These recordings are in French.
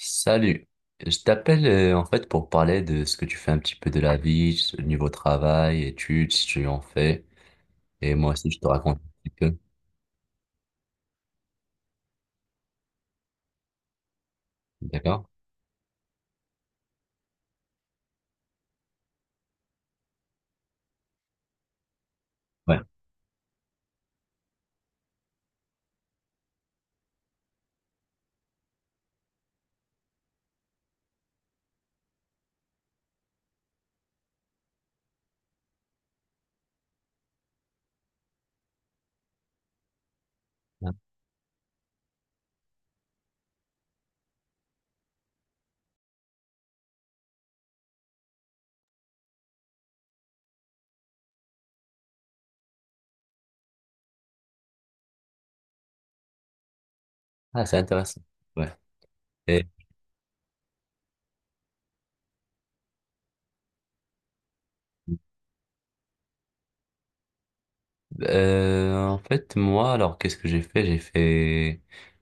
Salut, je t'appelle en fait pour parler de ce que tu fais un petit peu de la vie, ce niveau travail, études, si tu en fais, et moi aussi je te raconte un petit peu, d'accord? Ouais. Ah, c'est intéressant. Ouais. Et en fait, moi, alors qu'est-ce que j'ai fait? J'ai fait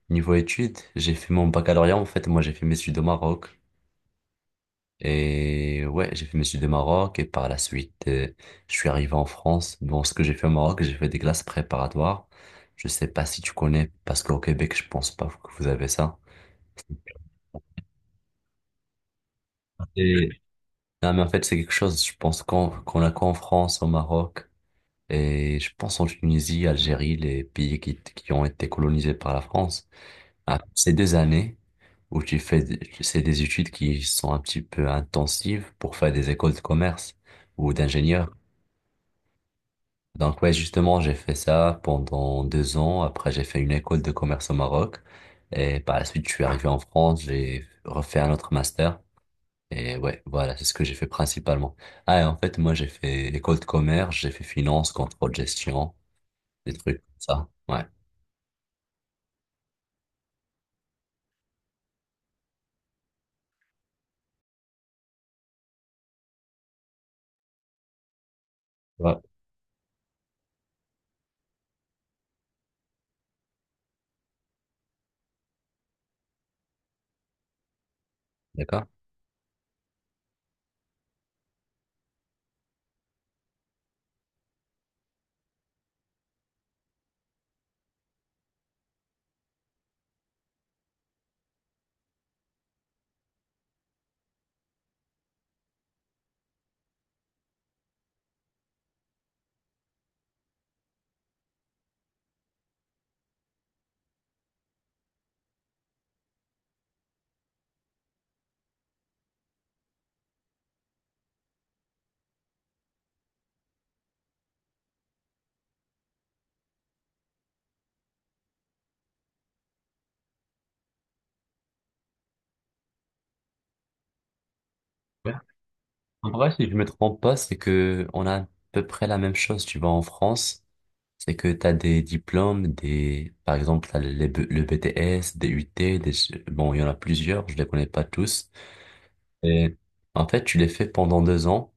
niveau études, j'ai fait mon baccalauréat. En fait, moi, j'ai fait mes études au Maroc. Et ouais, j'ai fait mes études au Maroc et par la suite, je suis arrivé en France. Bon, ce que j'ai fait au Maroc, j'ai fait des classes préparatoires. Je sais pas si tu connais, parce qu'au Québec, je pense pas que vous avez ça. Et... Non, mais en fait, c'est quelque chose, je pense qu'on a qu'en France, au Maroc, et je pense en Tunisie, Algérie, les pays qui ont été colonisés par la France. Ah, ces 2 années où tu fais, c'est des études qui sont un petit peu intensives pour faire des écoles de commerce ou d'ingénieur. Donc ouais, justement, j'ai fait ça pendant 2 ans. Après, j'ai fait une école de commerce au Maroc. Et par la suite, je suis arrivé en France, j'ai refait un autre master. Et ouais, voilà, c'est ce que j'ai fait principalement. Ah, et en fait, moi, j'ai fait école de commerce, j'ai fait finance, contrôle, gestion, des trucs comme ça. Ouais. Ouais. D'accord. Ouais. En vrai, si je me trompe pas, c'est que on a à peu près la même chose, tu vois, en France. C'est que tu as des diplômes, des, par exemple, t'as les le BTS, des UT, des... bon, il y en a plusieurs, je les connais pas tous. Et en fait, tu les fais pendant 2 ans.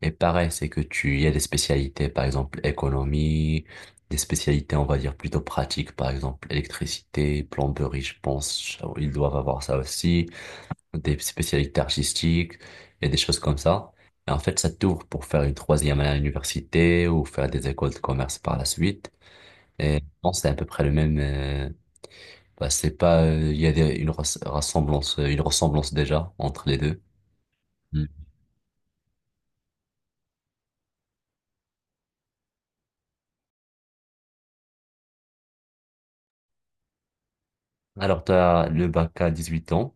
Et pareil, c'est que tu, il y a des spécialités, par exemple, économie, des spécialités, on va dire, plutôt pratiques, par exemple, électricité, plomberie, je pense, ils doivent avoir ça aussi, des spécialités artistiques et des choses comme ça. Et en fait, ça t'ouvre pour faire une troisième année à l'université ou faire des écoles de commerce par la suite. Et je pense que c'est à peu près le même. Bah, c'est pas. Il y a ressemblance, une ressemblance déjà entre les deux. Mm. Alors, tu as le bac à 18 ans.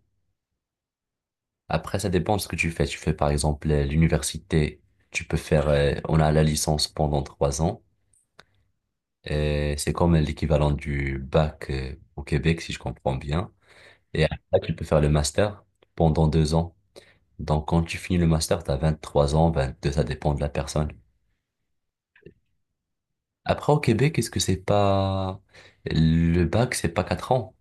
Après, ça dépend de ce que tu fais. Tu fais par exemple l'université. Tu peux faire. On a la licence pendant 3 ans. Et c'est comme l'équivalent du bac au Québec, si je comprends bien. Et après, tu peux faire le master pendant 2 ans. Donc, quand tu finis le master, tu as 3 ans, 22 ça dépend de la personne. Après, au Québec, est-ce que c'est pas... Le bac, c'est pas 4 ans?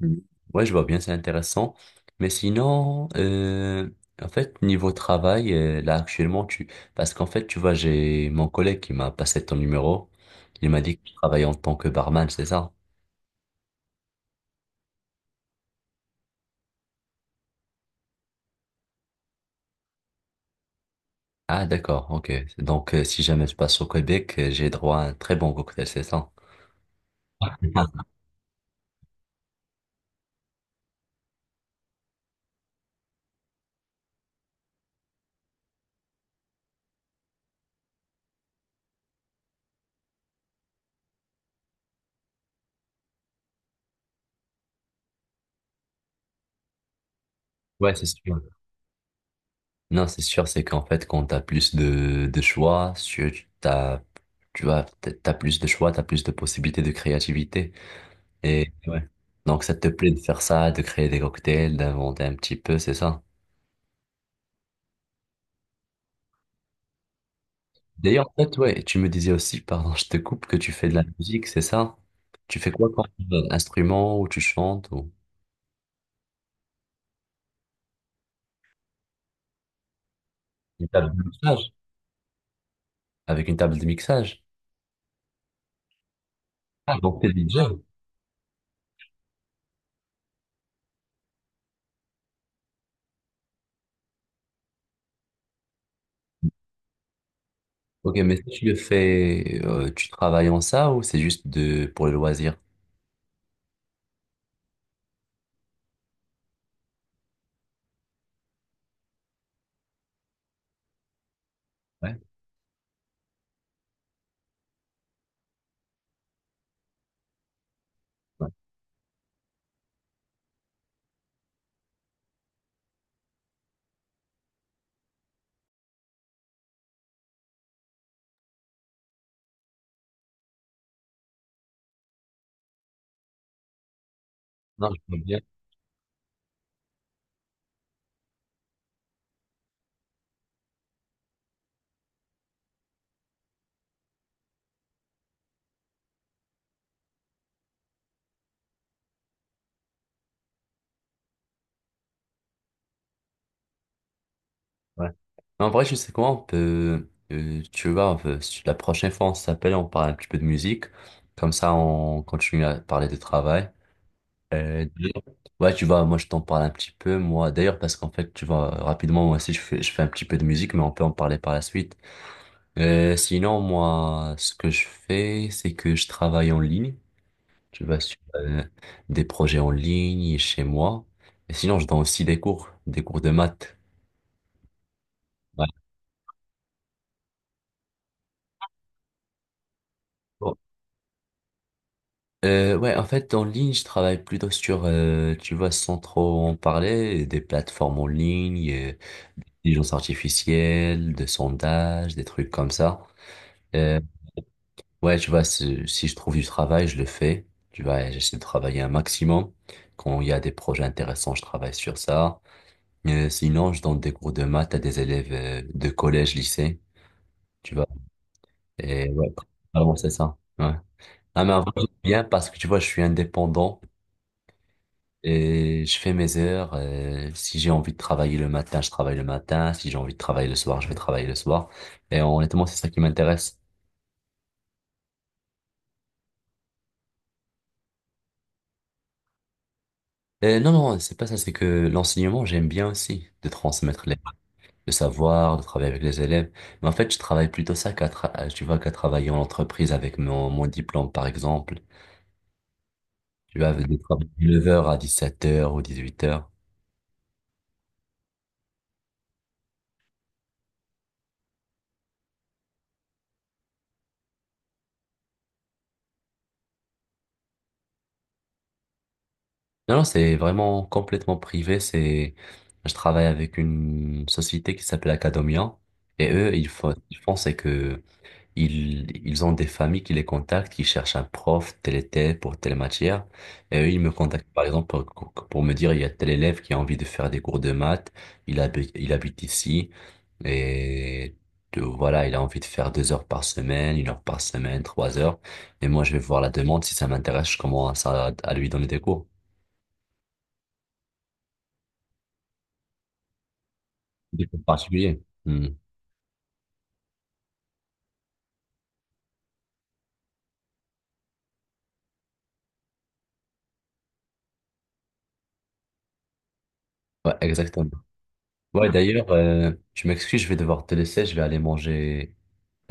Mhm. Ouais, je vois bien, c'est intéressant. Mais sinon, en fait, niveau travail, là, actuellement, tu... Parce qu'en fait, tu vois, j'ai mon collègue qui m'a passé ton numéro. Il m'a dit que tu travailles en tant que barman, c'est ça? Ah, d'accord, ok. Donc, si jamais je passe au Québec, j'ai droit à un très bon cocktail, c'est ça? Ouais, c'est sûr. Non, c'est sûr, c'est qu'en fait, quand t'as plus de choix, t'as, tu vois, t'as plus de choix, t'as plus de possibilités de créativité. Et ouais. Donc, ça te plaît de faire ça, de créer des cocktails, d'inventer un petit peu, c'est ça. D'ailleurs, en fait, ouais, tu me disais aussi, pardon, je te coupe, que tu fais de la musique, c'est ça? Tu fais quoi comme instrument ou tu chantes ou une table de mixage? Avec une table de mixage? Ah, donc t'es DJ. Ok, mais si tu le fais, tu travailles en ça ou c'est juste de pour le loisir? Ouais. Non, je vois bien. Ouais. Mais en vrai, je sais comment on peut, tu vois, si la prochaine fois on s'appelle, on parle un petit peu de musique. Comme ça, on continue à parler de travail. D'ailleurs, ouais, tu vois, moi, je t'en parle un petit peu, moi, d'ailleurs, parce qu'en fait, tu vois, rapidement, moi aussi, je fais un petit peu de musique, mais on peut en parler par la suite. Sinon, moi, ce que je fais, c'est que je travaille en ligne. Tu vois, sur des projets en ligne chez moi. Et sinon, je donne aussi des cours de maths. Ouais. Ouais, en fait, en ligne, je travaille plutôt sur, tu vois, sans trop en parler, des plateformes en ligne, intelligence artificielle, de sondages, des trucs comme ça. Euh, ouais, tu vois, si je trouve du travail, je le fais. Tu vois, j'essaie de travailler un maximum. Quand il y a des projets intéressants, je travaille sur ça. Sinon, je donne des cours de maths à des élèves, de collège, lycée, tu vois. Et ouais, vraiment, c'est ça. Ouais. Ah, mais en vrai, j'aime bien parce que, tu vois, je suis indépendant. Et je fais mes heures. Si j'ai envie de travailler le matin, je travaille le matin. Si j'ai envie de travailler le soir, je vais travailler le soir. Et honnêtement, c'est ça qui m'intéresse. Et non, non, c'est pas ça. C'est que l'enseignement, j'aime bien aussi de transmettre les, le savoir, de travailler avec les élèves. Mais en fait, je travaille plutôt ça tu vois, qu'à travailler en entreprise avec mon diplôme, par exemple. Tu vas de travailler de 9 h à 17 h ou 8 heures. Non, non, c'est vraiment complètement privé. C'est, je travaille avec une société qui s'appelle Acadomia. Et eux, ils font, c'est que ils ont des familles qui les contactent, qui cherchent un prof tel et tel pour telle matière. Et eux, ils me contactent, par exemple, pour me dire, il y a tel élève qui a envie de faire des cours de maths. Il habite ici. Et voilà, il a envie de faire 2 heures par semaine, 1 heure par semaine, 3 heures. Et moi, je vais voir la demande. Si ça m'intéresse, je commence à lui donner des cours. Des cours particuliers. Hmm. Ouais, exactement. Ouais, d'ailleurs, je m'excuse, je vais devoir te laisser, je vais aller manger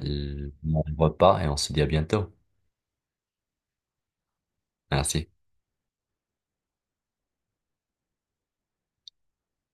mon repas et on se dit à bientôt. Merci.